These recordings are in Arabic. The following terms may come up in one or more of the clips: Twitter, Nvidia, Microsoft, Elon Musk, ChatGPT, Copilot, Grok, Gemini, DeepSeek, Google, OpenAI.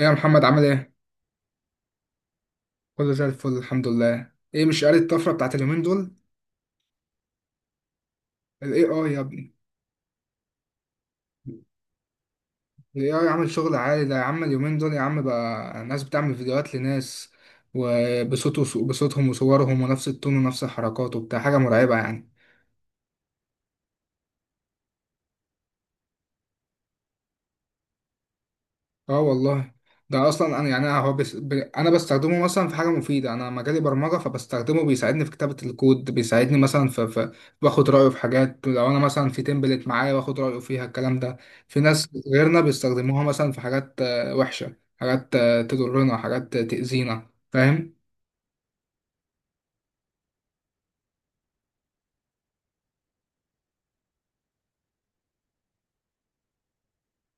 ايه يا محمد، عامل ايه؟ كله زي الفل الحمد لله. ايه مش قاري الطفرة بتاعت اليومين دول؟ ال AI يا ابني. ال AI عامل شغل عالي ده يا عم اليومين دول يا عم. بقى ناس بتعمل فيديوهات لناس وبصوت بصوتهم وصورهم ونفس التون ونفس الحركات وبتاع، حاجة مرعبة يعني. اه والله. ده اصلا انا يعني انا هو بس ب... انا بستخدمه مثلا في حاجه مفيده. انا مجالي برمجه فبستخدمه، بيساعدني في كتابه الكود، بيساعدني مثلا باخد رايه في حاجات. لو انا مثلا في تمبلت معايا باخد رايه فيها الكلام ده. في ناس غيرنا بيستخدموها مثلا في حاجات وحشه، حاجات تضرنا، حاجات تاذينا، فاهم.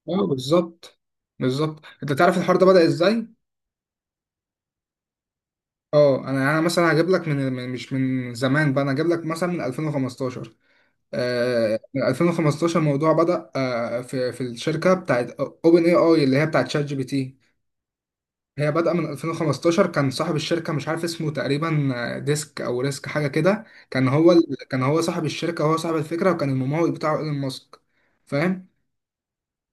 اه بالظبط. بالظبط، انت تعرف الحوار ده بدأ ازاي؟ اه انا يعني انا مثلا هجيب لك مش من زمان بقى، انا هجيب لك مثلا من 2015. من 2015 الموضوع بدأ، في الشركة بتاعت اوبن اي اي اللي هي بتاعت شات جي بي تي. هي بدأ من 2015. كان صاحب الشركة مش عارف اسمه تقريبا، ديسك او ريسك حاجة كده. كان هو صاحب الشركة، هو صاحب الفكرة، وكان الممول بتاعه ايلون ماسك. فاهم.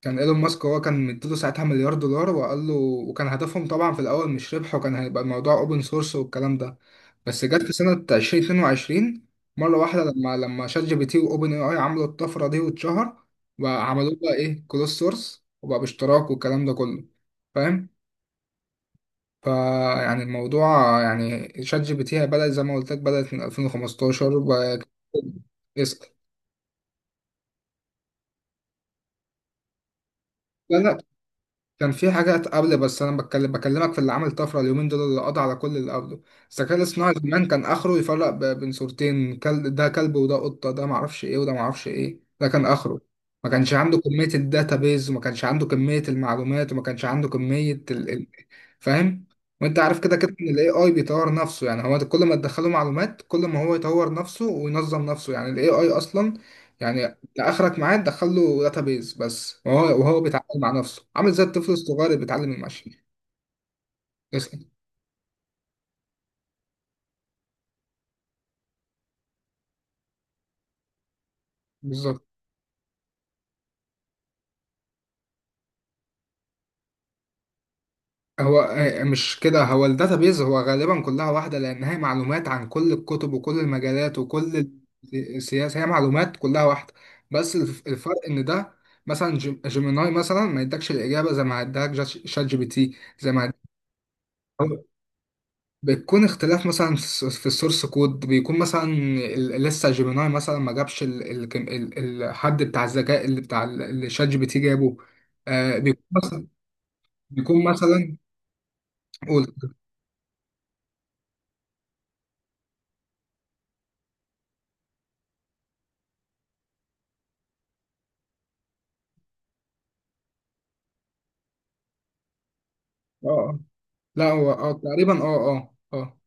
كان ايلون ماسك هو كان مديله ساعتها مليار دولار، وقال له، وكان هدفهم طبعا في الاول مش ربح، وكان هيبقى الموضوع اوبن سورس والكلام ده. بس جت في سنة 2022 مرة واحدة، لما شات جي بي تي وأوبن أي آي عملوا الطفرة دي واتشهر، وعملوه بقى إيه، كلوز سورس، وبقى باشتراك والكلام ده كله. فاهم؟ فيعني الموضوع، يعني شات جي بي تي بدأت زي ما قلت لك، بدأت من 2015 اسأل. لا لا، كان في حاجات قبل، بس انا بكلمك في اللي عمل طفره اليومين دول اللي قضى على كل اللي قبله. الذكاء الاصطناعي زمان كان اخره يفرق بين صورتين: كل ده كلب، وده قطه، ده معرفش ايه، وده معرفش ايه. ده كان اخره. ما كانش عنده كميه الداتابيز، وما كانش عنده كميه المعلومات، وما كانش عنده كميه فاهم. وانت عارف كده كده ان الاي اي بيطور نفسه، يعني هو كل ما تدخله معلومات كل ما هو يطور نفسه وينظم نفسه. يعني الاي اي اصلا يعني، لا اخرك معاه تدخل له داتابيز بس، وهو بيتعامل مع نفسه، عامل زي الطفل الصغير اللي بيتعلم المشي. اسأل. بالظبط. هو مش كده، هو الداتابيز هو غالبا كلها واحده، لان هي معلومات عن كل الكتب وكل المجالات وكل السياسه. هي معلومات كلها واحده. بس الفرق ان ده مثلا جيميناي مثلا ما يدكش الاجابه زي ما اداك شات جي بي تي. زي ما بتكون اختلاف مثلا في السورس كود، بيكون مثلا لسه جيميناي مثلا ما جابش الحد بتاع الذكاء اللي اللي شات جي بي تي جابه. آه بيكون مثلا، بيكون مثلا، قول. اه آه. لا هو اه تقريبا اه. اه اه.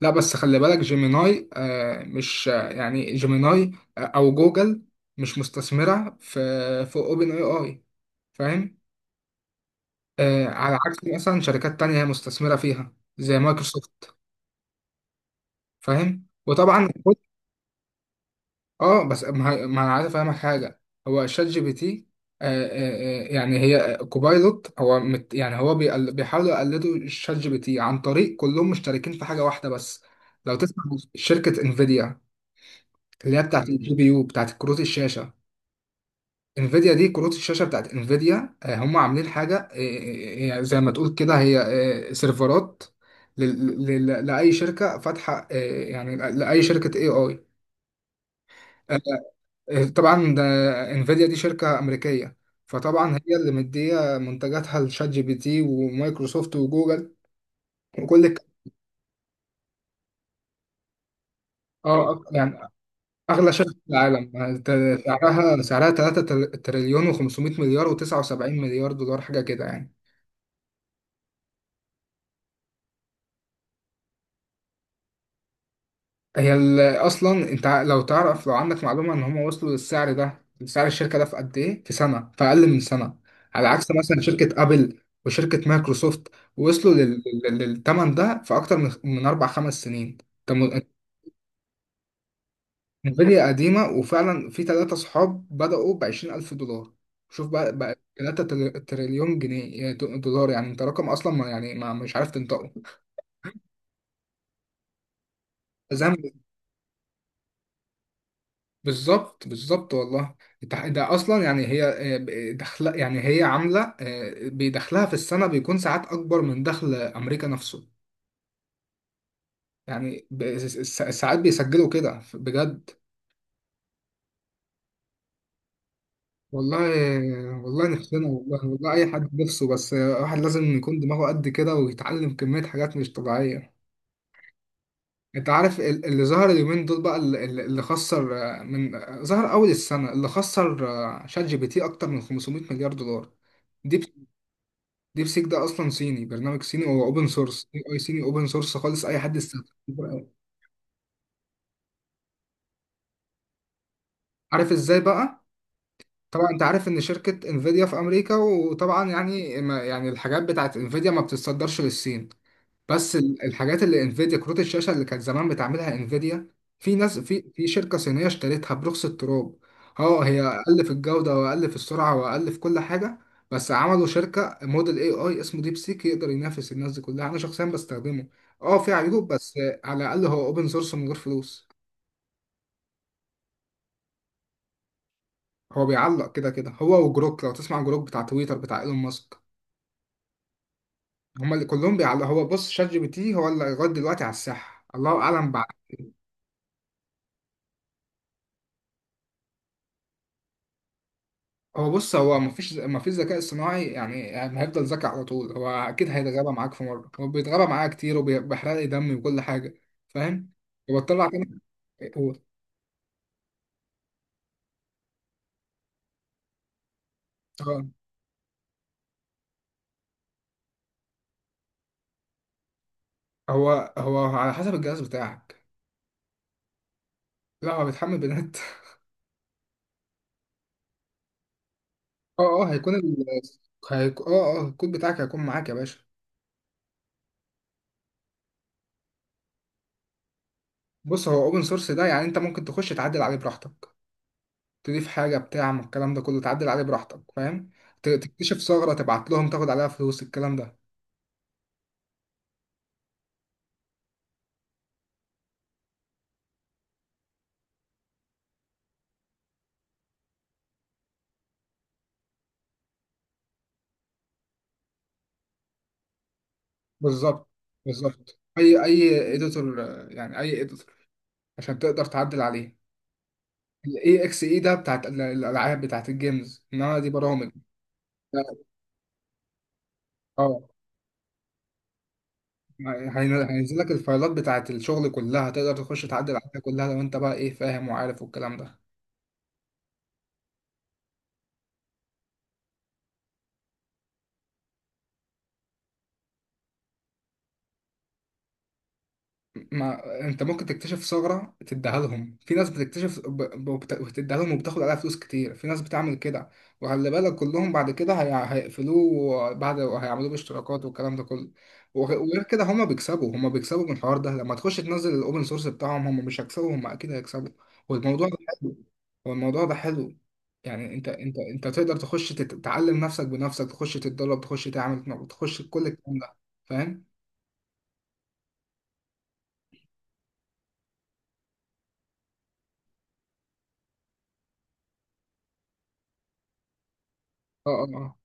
لا بس خلي بالك جيميناي، آه مش آه، يعني جيميناي، او جوجل، مش مستثمرة في اوبن اي اي. فاهم. على عكس مثلا شركات تانية هي مستثمرة فيها زي مايكروسوفت. فاهم، وطبعا. اه، بس ما انا عايز افهمك حاجه. هو شات جي بي تي يعني هي، كوبايلوت هو مت يعني بيحاولوا يقلدوا شات جي بي تي عن طريق، كلهم مشتركين في حاجه واحده بس. لو تسمع، شركه انفيديا اللي هي بتاعت الجي بي يو بتاعت كروت الشاشه. انفيديا دي كروت الشاشه بتاعت انفيديا. هم عاملين حاجه يعني زي ما تقول كده، هي سيرفرات لاي شركه فاتحه، يعني لاي شركه اي اي. طبعا ده، انفيديا دي شركة أمريكية، فطبعا هي اللي مدية منتجاتها لشات جي بي تي ومايكروسوفت وجوجل وكل اه يعني أغلى شركة في العالم. ت- سعرها، سعرها 3 تريليون و500 مليار و79 مليار دولار حاجة كده يعني. هي ال- اصلا انت لو تعرف، لو عندك معلومه ان هم وصلوا للسعر ده، سعر الشركه ده في قد ايه؟ في سنه، في اقل من سنه، على عكس مثلا شركه ابل وشركه مايكروسوفت، وصلوا للثمن ده في اكتر من اربع خمس سنين. طب م- انفيديا قديمه، وفعلا في ثلاثه صحاب بداوا ب 20,000 دولار، شوف بقى، بقى 3 تريليون جنيه دولار، يعني انت رقم اصلا ما يعني، ما مش عارف تنطقه. زي ما، بالظبط بالظبط والله. ده ده اصلا يعني هي، دخل، يعني هي عامله، بيدخلها في السنه بيكون ساعات اكبر من دخل امريكا نفسه. يعني ساعات بيسجلوا كده بجد. والله والله نفسنا، والله والله اي حد نفسه، بس الواحد لازم يكون دماغه قد كده ويتعلم كميه حاجات مش طبيعيه. انت عارف اللي ظهر اليومين دول بقى اللي خسر، آه، من آه، ظهر اول السنه، اللي خسر شات جي بي تي اكتر من 500 مليار دولار. دي ديب سيك، ده اصلا صيني، برنامج صيني، هو اوبن سورس، اي اي صيني اوبن سورس خالص اي حد يستخدمه. عارف ازاي بقى. طبعا انت عارف ان شركة انفيديا في امريكا، وطبعا يعني ما يعني الحاجات بتاعت انفيديا ما بتتصدرش للصين. بس الحاجات اللي انفيديا كروت الشاشة اللي كانت زمان بتعملها انفيديا، في ناس في شركة صينية اشترتها برخص التراب. اه هي اقل في الجودة واقل في السرعة واقل في كل حاجة، بس عملوا شركة، موديل اي اي اسمه ديب سيك يقدر ينافس الناس دي كلها. انا شخصيا بستخدمه. اه في عيوب، بس على الاقل هو اوبن سورس من غير فلوس. هو بيعلق كده كده، هو وجروك. لو تسمع، جروك بتاع تويتر بتاع ايلون ماسك، هما اللي كلهم بيعلق. هو بص، شات جي بي تي هو اللي لغايه دلوقتي على الساحه، الله اعلم بعد. هو بص، هو مفيش ذكاء اصطناعي يعني يعني هيفضل ذكي على طول، هو اكيد هيتغابى معاك في مره. هو بيتغابى معايا كتير وبيحرق لي دمي وكل حاجه. فاهم. وبطلع تاني. هو آه. هو هو على حسب الجهاز بتاعك. لا هو بيتحمل بنات اه اه هيكون ال، اه اه الكود بتاعك هيكون معاك يا باشا. بص هو اوبن سورس ده، يعني انت ممكن تخش تعدل عليه براحتك، تضيف حاجة بتاع من الكلام ده كله، تعدل عليه براحتك، فاهم. تكتشف ثغرة، تبعت لهم، تاخد عليها فلوس الكلام ده. بالظبط، بالظبط. أي أي إيديتور، يعني أي إيديتور عشان تقدر تعدل عليه. ال AXE ده بتاعت الألعاب، بتاعت الجيمز، إنما دي برامج. اه هينزل لك الفايلات بتاعت الشغل كلها، تقدر تخش تعدل عليها كلها لو أنت بقى إيه، فاهم وعارف والكلام ده. ما انت ممكن تكتشف ثغرة تديها لهم، في ناس بتكتشف وتديها لهم وبتاخد عليها فلوس كتير، في ناس بتعمل كده. وخلي بالك كلهم بعد كده هيقفلوه بعد، وهيعملوه باشتراكات والكلام ده كله. وغير كده، هما بيكسبوا، هما بيكسبوا من الحوار ده. لما تخش تنزل الاوبن سورس بتاعهم هما مش هيكسبوا، هما اكيد هيكسبوا. والموضوع ده حلو، هو الموضوع ده حلو. يعني انت تقدر تخش تتعلم نفسك بنفسك، تخش تتدرب، تخش تعمل، تخش كل الكلام ده. فاهم. اه اه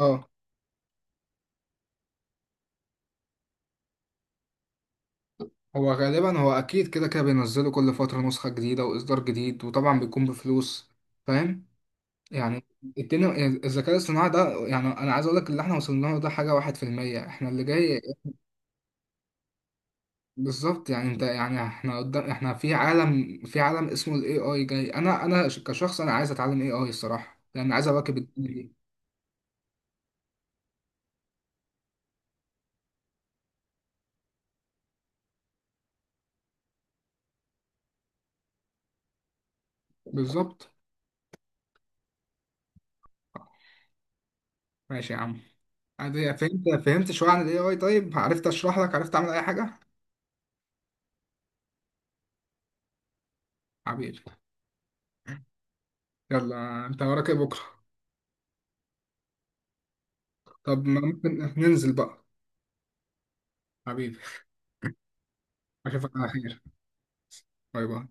اه اه. هو غالبا هو اكيد كده كده بينزلوا كل فترة نسخة جديدة واصدار جديد، وطبعا بيكون بفلوس. فاهم. يعني الدنيا، الذكاء الاصطناعي ده، يعني انا عايز اقول لك اللي احنا وصلنا له ده حاجة واحد في المية، احنا اللي جاي. بالظبط. يعني انت يعني احنا قدام، احنا في عالم، في عالم اسمه الاي اي جاي. كشخص انا عايز اتعلم اي اي الصراحة، لان عايز اواكب الدنيا دي. بالظبط، ماشي يا عم. عادي، فهمت، فهمت شوية عن الاي اي، طيب عرفت اشرح لك، عرفت اعمل اي حاجة. حبيبي. يلا، انت وراك إيه بكرة؟ طب ما ممكن ننزل بقى. حبيبي. اشوفك على خير. باي باي.